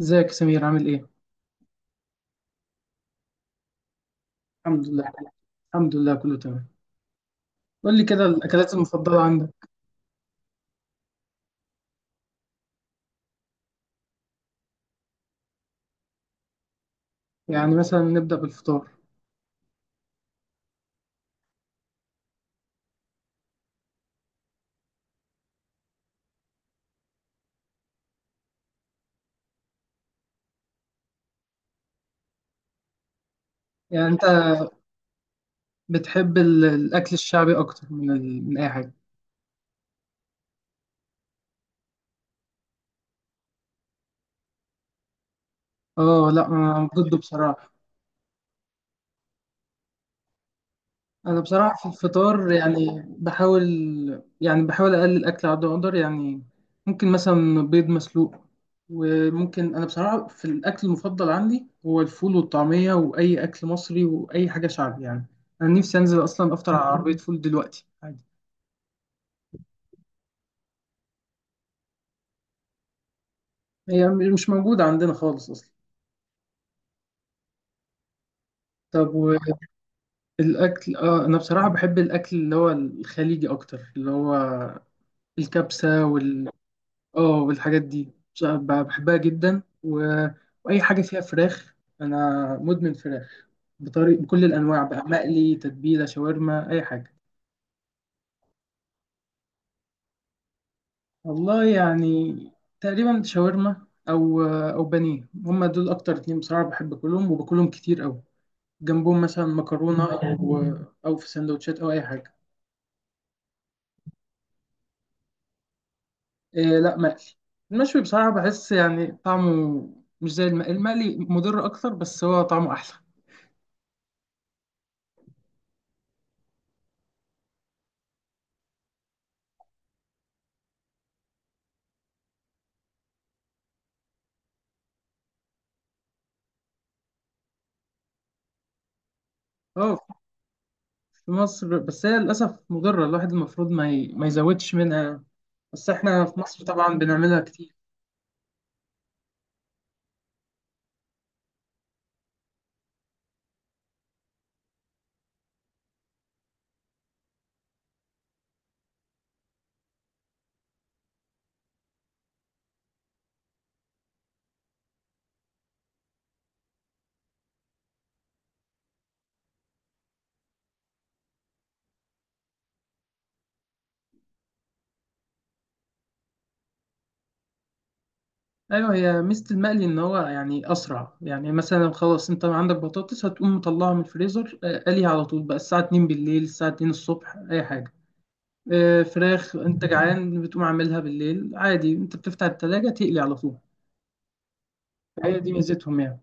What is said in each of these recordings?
ازيك يا سمير عامل ايه؟ الحمد لله. الحمد لله كله تمام. قول لي كده الاكلات المفضلة عندك. يعني مثلا نبدأ بالفطار. يعني انت بتحب الاكل الشعبي اكتر من من اي حاجة. اه لا انا ضده بصراحة. انا بصراحة في الفطار يعني بحاول. يعني بحاول اقلل اكل على قد ما اقدر يعني. ممكن مثلا بيض مسلوق، وممكن، انا بصراحة في الاكل المفضل عندي هو الفول والطعمية واي اكل مصري واي حاجة شعبي يعني. انا نفسي انزل اصلا افطر على عربية فول دلوقتي. هي مش موجودة عندنا خالص أصلا. طب والأكل، آه أنا بصراحة بحب الأكل اللي هو الخليجي أكتر، اللي هو الكبسة وال، آه، والحاجات دي بصراحة بحبها جدا وأي حاجة فيها فراخ. أنا مدمن فراخ، بطريق بكل الأنواع بقى، مقلي، تتبيلة، شاورما، أي حاجة. والله يعني تقريبا شاورما أو بانيه، هما دول أكتر اتنين بصراحة بحب أكلهم وباكلهم كتير أوي، جنبهم مثلا مكرونة، أو في سندوتشات أو أي حاجة. إيه لا مقلي. المشوي بصراحة بحس يعني طعمه مش زي المقلي. المقلي مضر أكتر بس هو طعمه أحلى. اه في مصر بس هي للأسف مضرة، الواحد المفروض ما، ما يزودش منها، بس احنا في مصر طبعا بنعملها كتير. أيوه، هي ميزة المقلي إن هو يعني أسرع. يعني مثلا خلاص أنت عندك بطاطس هتقوم مطلعها من الفريزر، آه، قليها على طول بقى، الساعة 2 بالليل، الساعة 2 الصبح، أي حاجة. آه، فراخ، أنت جعان بتقوم عاملها بالليل عادي، أنت بتفتح التلاجة تقلي على طول. هي دي ميزتهم يعني.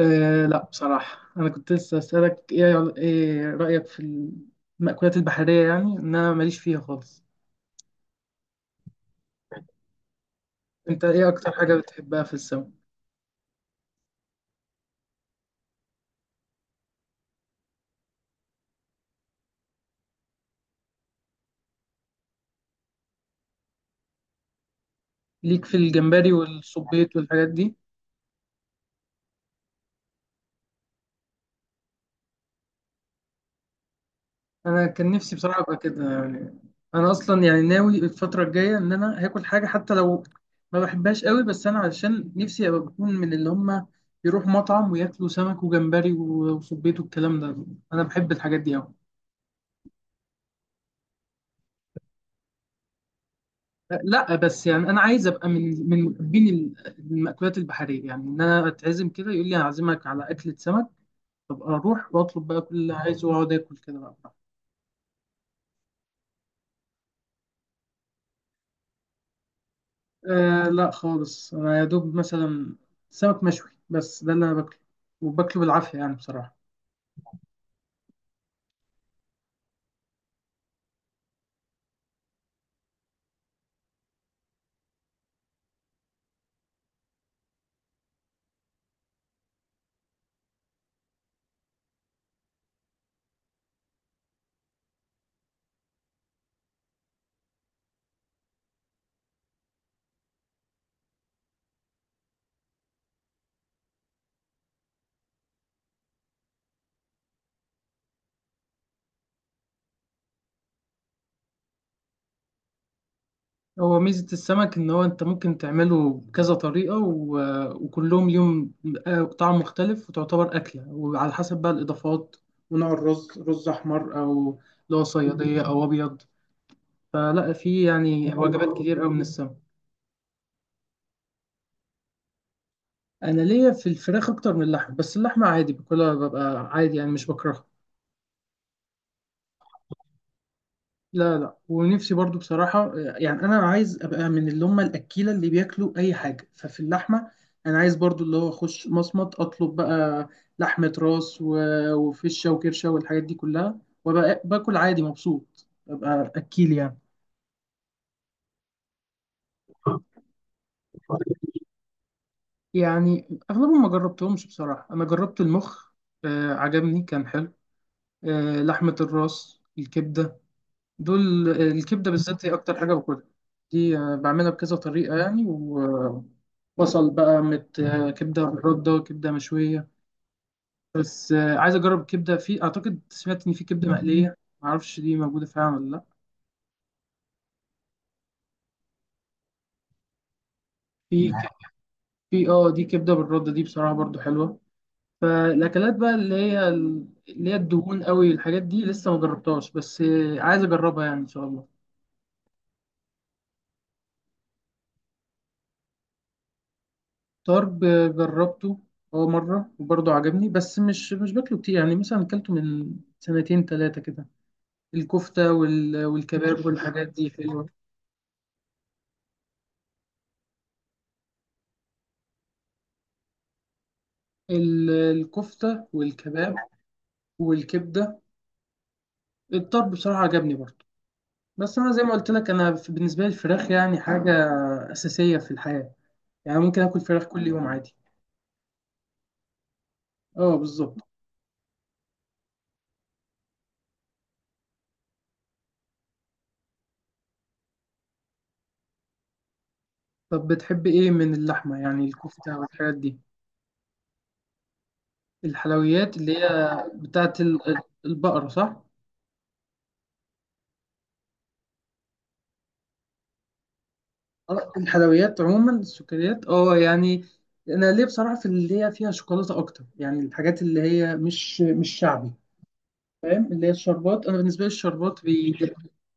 أه لا بصراحة أنا كنت لسه أسألك، إيه إيه رأيك في المأكولات البحرية؟ يعني إن أنا ماليش فيها خالص. أنت إيه أكتر حاجة بتحبها في السمك؟ ليك في الجمبري والصبيط والحاجات دي؟ أنا كان نفسي بصراحة أبقى كده يعني. أنا أصلا يعني ناوي الفترة الجاية إن أنا هاكل حاجة حتى لو ما بحبهاش قوي، بس أنا علشان نفسي أبقى بكون من اللي هما يروحوا مطعم وياكلوا سمك وجمبري وصبيط والكلام ده، أنا بحب الحاجات دي أوي. لا بس يعني انا عايز ابقى من محبين المأكولات البحريه. يعني ان انا اتعزم كده يقول لي هعزمك على اكله سمك، ابقى اروح واطلب بقى كل اللي عايزه واقعد اكل كده بقى براحتي. أه لا خالص، انا يا دوب مثلا سمك مشوي بس ده اللي انا باكله، وباكله بالعافيه يعني بصراحه. هو ميزه السمك ان هو انت ممكن تعمله بكذا طريقه وكلهم ليهم، آه، طعم مختلف، وتعتبر اكله وعلى حسب بقى الاضافات، ونوع الرز، رز احمر او اللي هو صياديه او ابيض. فلا في يعني وجبات كتير قوي من السمك. انا ليا في الفراخ اكتر من اللحم، بس اللحمه عادي باكلها، ببقى عادي يعني مش بكرهها. لا لا، ونفسي برضو بصراحه يعني، انا عايز ابقى من اللي هم الاكيله اللي بياكلوا اي حاجه. ففي اللحمه انا عايز برضو اللي هو اخش مصمت اطلب بقى لحمه راس وفشه وكرشه والحاجات دي كلها، وابقى باكل عادي مبسوط، ابقى اكيل يعني. يعني اغلبهم ما جربتهمش بصراحه. انا جربت المخ، آه، عجبني كان حلو. آه، لحمة الراس، الكبدة، دول، آه، الكبدة بالذات هي أكتر حاجة باكلها دي، آه، بعملها بكذا طريقة يعني، وبصل بقى مت، آه، كبدة بالردة، كبدة مشوية، بس، آه، عايز أجرب كبدة، في أعتقد سمعت إن في كبدة مقلية، معرفش دي موجودة فعلا ولا لأ. في ك- في اه دي كبدة بالردة، دي بصراحة برضو حلوة. فالأكلات بقى اللي هي الدهون قوي الحاجات دي لسه ما جربتهاش، بس، آه، عايز أجربها يعني إن شاء الله. طرب، جربته هو مرة وبرضه عجبني، بس مش باكله كتير يعني، مثلا أكلته من سنتين تلاتة كده. الكفتة والكباب والحاجات دي حلوة. الكفتة والكباب والكبدة، الطرب بصراحة عجبني برضه. بس أنا زي ما قلت لك، أنا بالنسبة لي الفراخ يعني حاجة أساسية في الحياة، يعني ممكن آكل فراخ كل يوم عادي. أه بالظبط. طب بتحب إيه من اللحمة يعني، الكفتة والحاجات دي؟ الحلويات اللي هي بتاعت البقرة صح؟ آه، الحلويات عموما السكريات، اه يعني. انا ليه بصراحه في اللي هي فيها شوكولاته اكتر، يعني الحاجات اللي هي مش شعبي، فاهم، اللي هي الشربات، انا بالنسبه لي الشربات بي،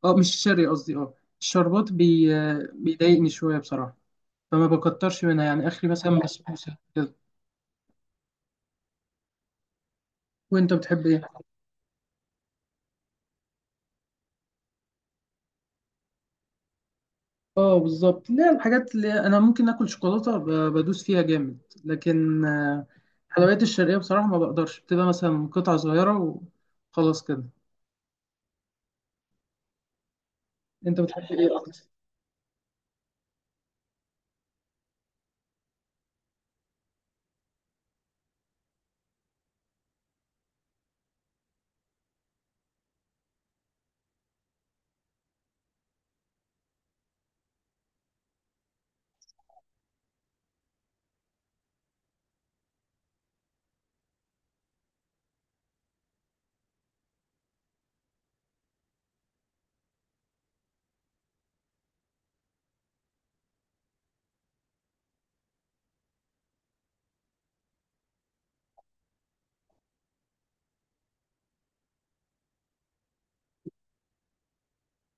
اه مش شرقي قصدي، اه الشربات بي، آه، بيضايقني شويه بصراحه، فما بكترش منها، يعني اخري مثلا بسبوسه كده. وانت بتحب ايه؟ اه بالظبط، لا الحاجات اللي انا ممكن اكل شوكولاته بدوس فيها جامد، لكن، آه، الحلويات الشرقيه بصراحه ما بقدرش، بتبقى مثلا قطعه صغيره وخلاص كده. انت بتحب ايه اكتر؟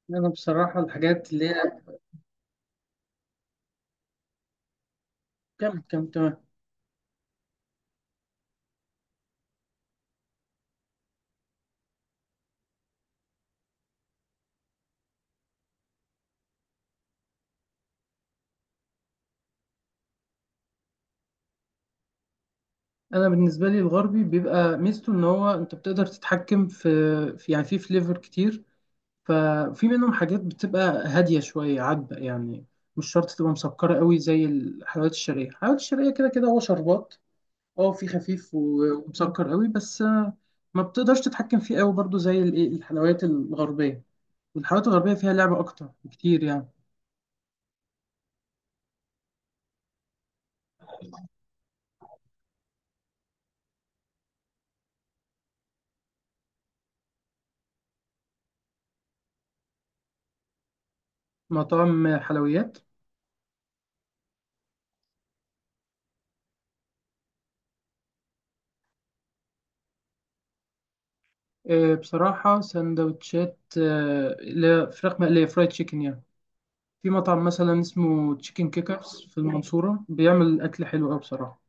انا بصراحه الحاجات اللي هي، كم كم تمام. انا بالنسبه لي الغربي بيبقى ميزته ان هو انت بتقدر تتحكم في، في يعني في فليفر كتير، ففي منهم حاجات بتبقى هاديه شويه عذبه يعني، مش شرط تبقى مسكره قوي زي الحلويات الشرقيه. الحلويات الشرقيه كده كده هو شربات، اه في خفيف ومسكر قوي، بس، آه، ما بتقدرش تتحكم فيه قوي برضو زي الايه الحلويات الغربيه، والحلويات الغربيه فيها لعبه اكتر بكتير يعني. مطاعم حلويات؟ آه، بصراحة سندوتشات، آه، اللي هي فراخ مقلية، فرايد تشيكن يعني، في مطعم مثلا اسمه تشيكن كيكرز في المنصورة بيعمل أكل حلو أوي بصراحة.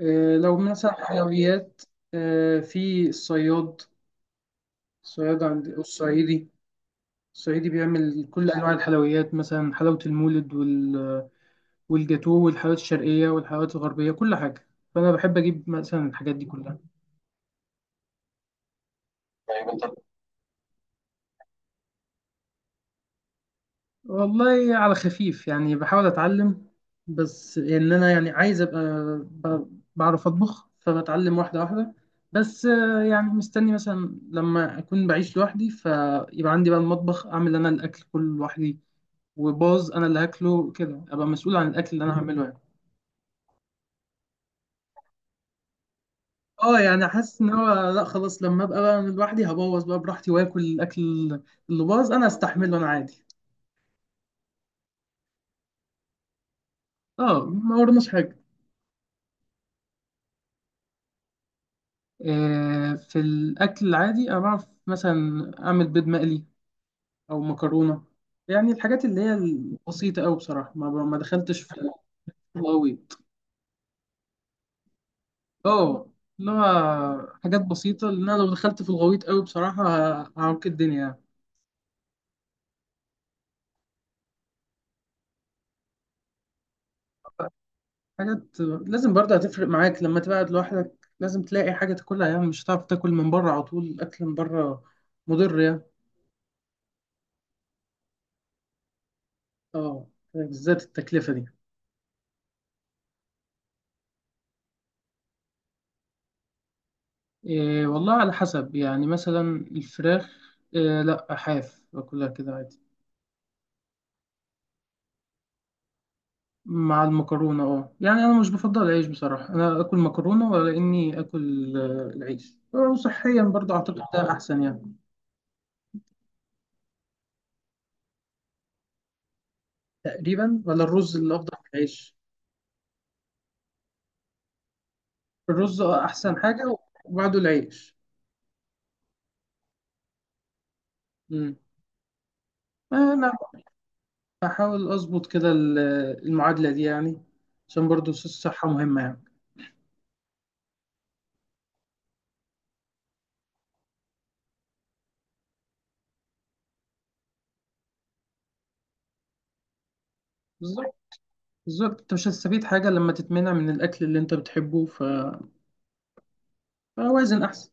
آه، لو مثلا حلويات، آه، في الصياد، الصياد عند الصعيدي، الصعيدي بيعمل كل أنواع الحلويات مثلا حلاوة المولد والجاتوه والحلويات الشرقية والحلويات الغربية كل حاجة، فأنا بحب أجيب مثلا الحاجات دي كلها. والله على خفيف يعني، بحاول اتعلم، بس ان انا يعني عايز ابقى بعرف اطبخ، فبتعلم واحده واحده، بس، آه، يعني مستني مثلا لما اكون بعيش لوحدي، فيبقى عندي بقى المطبخ، اعمل انا الاكل كله لوحدي، وباظ انا اللي هاكله كده، ابقى مسؤول عن الاكل اللي انا هعمله يعني. اه يعني حاسس ان هو لا خلاص، لما ابقى بقى لوحدي هبوظ بقى براحتي، واكل الاكل اللي باظ انا استحمله انا عادي. اه ما ورناش حاجه. آه، في الأكل العادي أنا بعرف مثلا أعمل بيض مقلي أو مكرونة، يعني الحاجات اللي هي البسيطة أوي، بصراحة ما دخلتش في الغويط. أه، اللي هو حاجات بسيطة، لأن أنا لو دخلت في الغويط أوي بصراحة هعوك الدنيا يعني. حاجات لازم برضه هتفرق معاك لما تبعد لوحدك، لازم تلاقي حاجة تاكلها، يعني مش هتعرف تاكل من بره على طول، الأكل من بره مضر يعني. أه، بالذات التكلفة دي. إيه والله على حسب يعني، مثلا الفراخ إيه لا حاف باكلها كده عادي. مع المكرونة اه يعني، أنا مش بفضل العيش بصراحة، أنا آكل مكرونة ولا إني آكل، آه، العيش، آه، وصحيا برضه أعتقد ده أحسن يعني. تقريبا، ولا الرز اللي أفضل من العيش. الرز، آه، أحسن حاجة، وبعده العيش. مم. أنا بحاول أظبط كده المعادلة دي يعني، عشان برضه الصحة مهمة يعني. بالظبط، بالظبط، أنت مش هتستفيد حاجة لما تتمنع من الأكل اللي أنت بتحبه. اوازن احسن.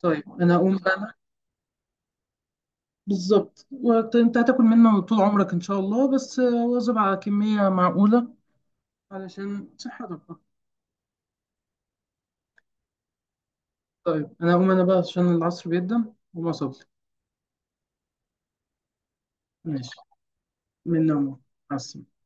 طيب انا اقوم بقى. بالظبط، انت هتاكل منه طول عمرك ان شاء الله، بس واظب على كميه معقوله علشان صحتك بقى. طيب انا اقوم انا بقى عشان العصر بيقدم وما صلي. ماشي، من نومه، مع السلامه.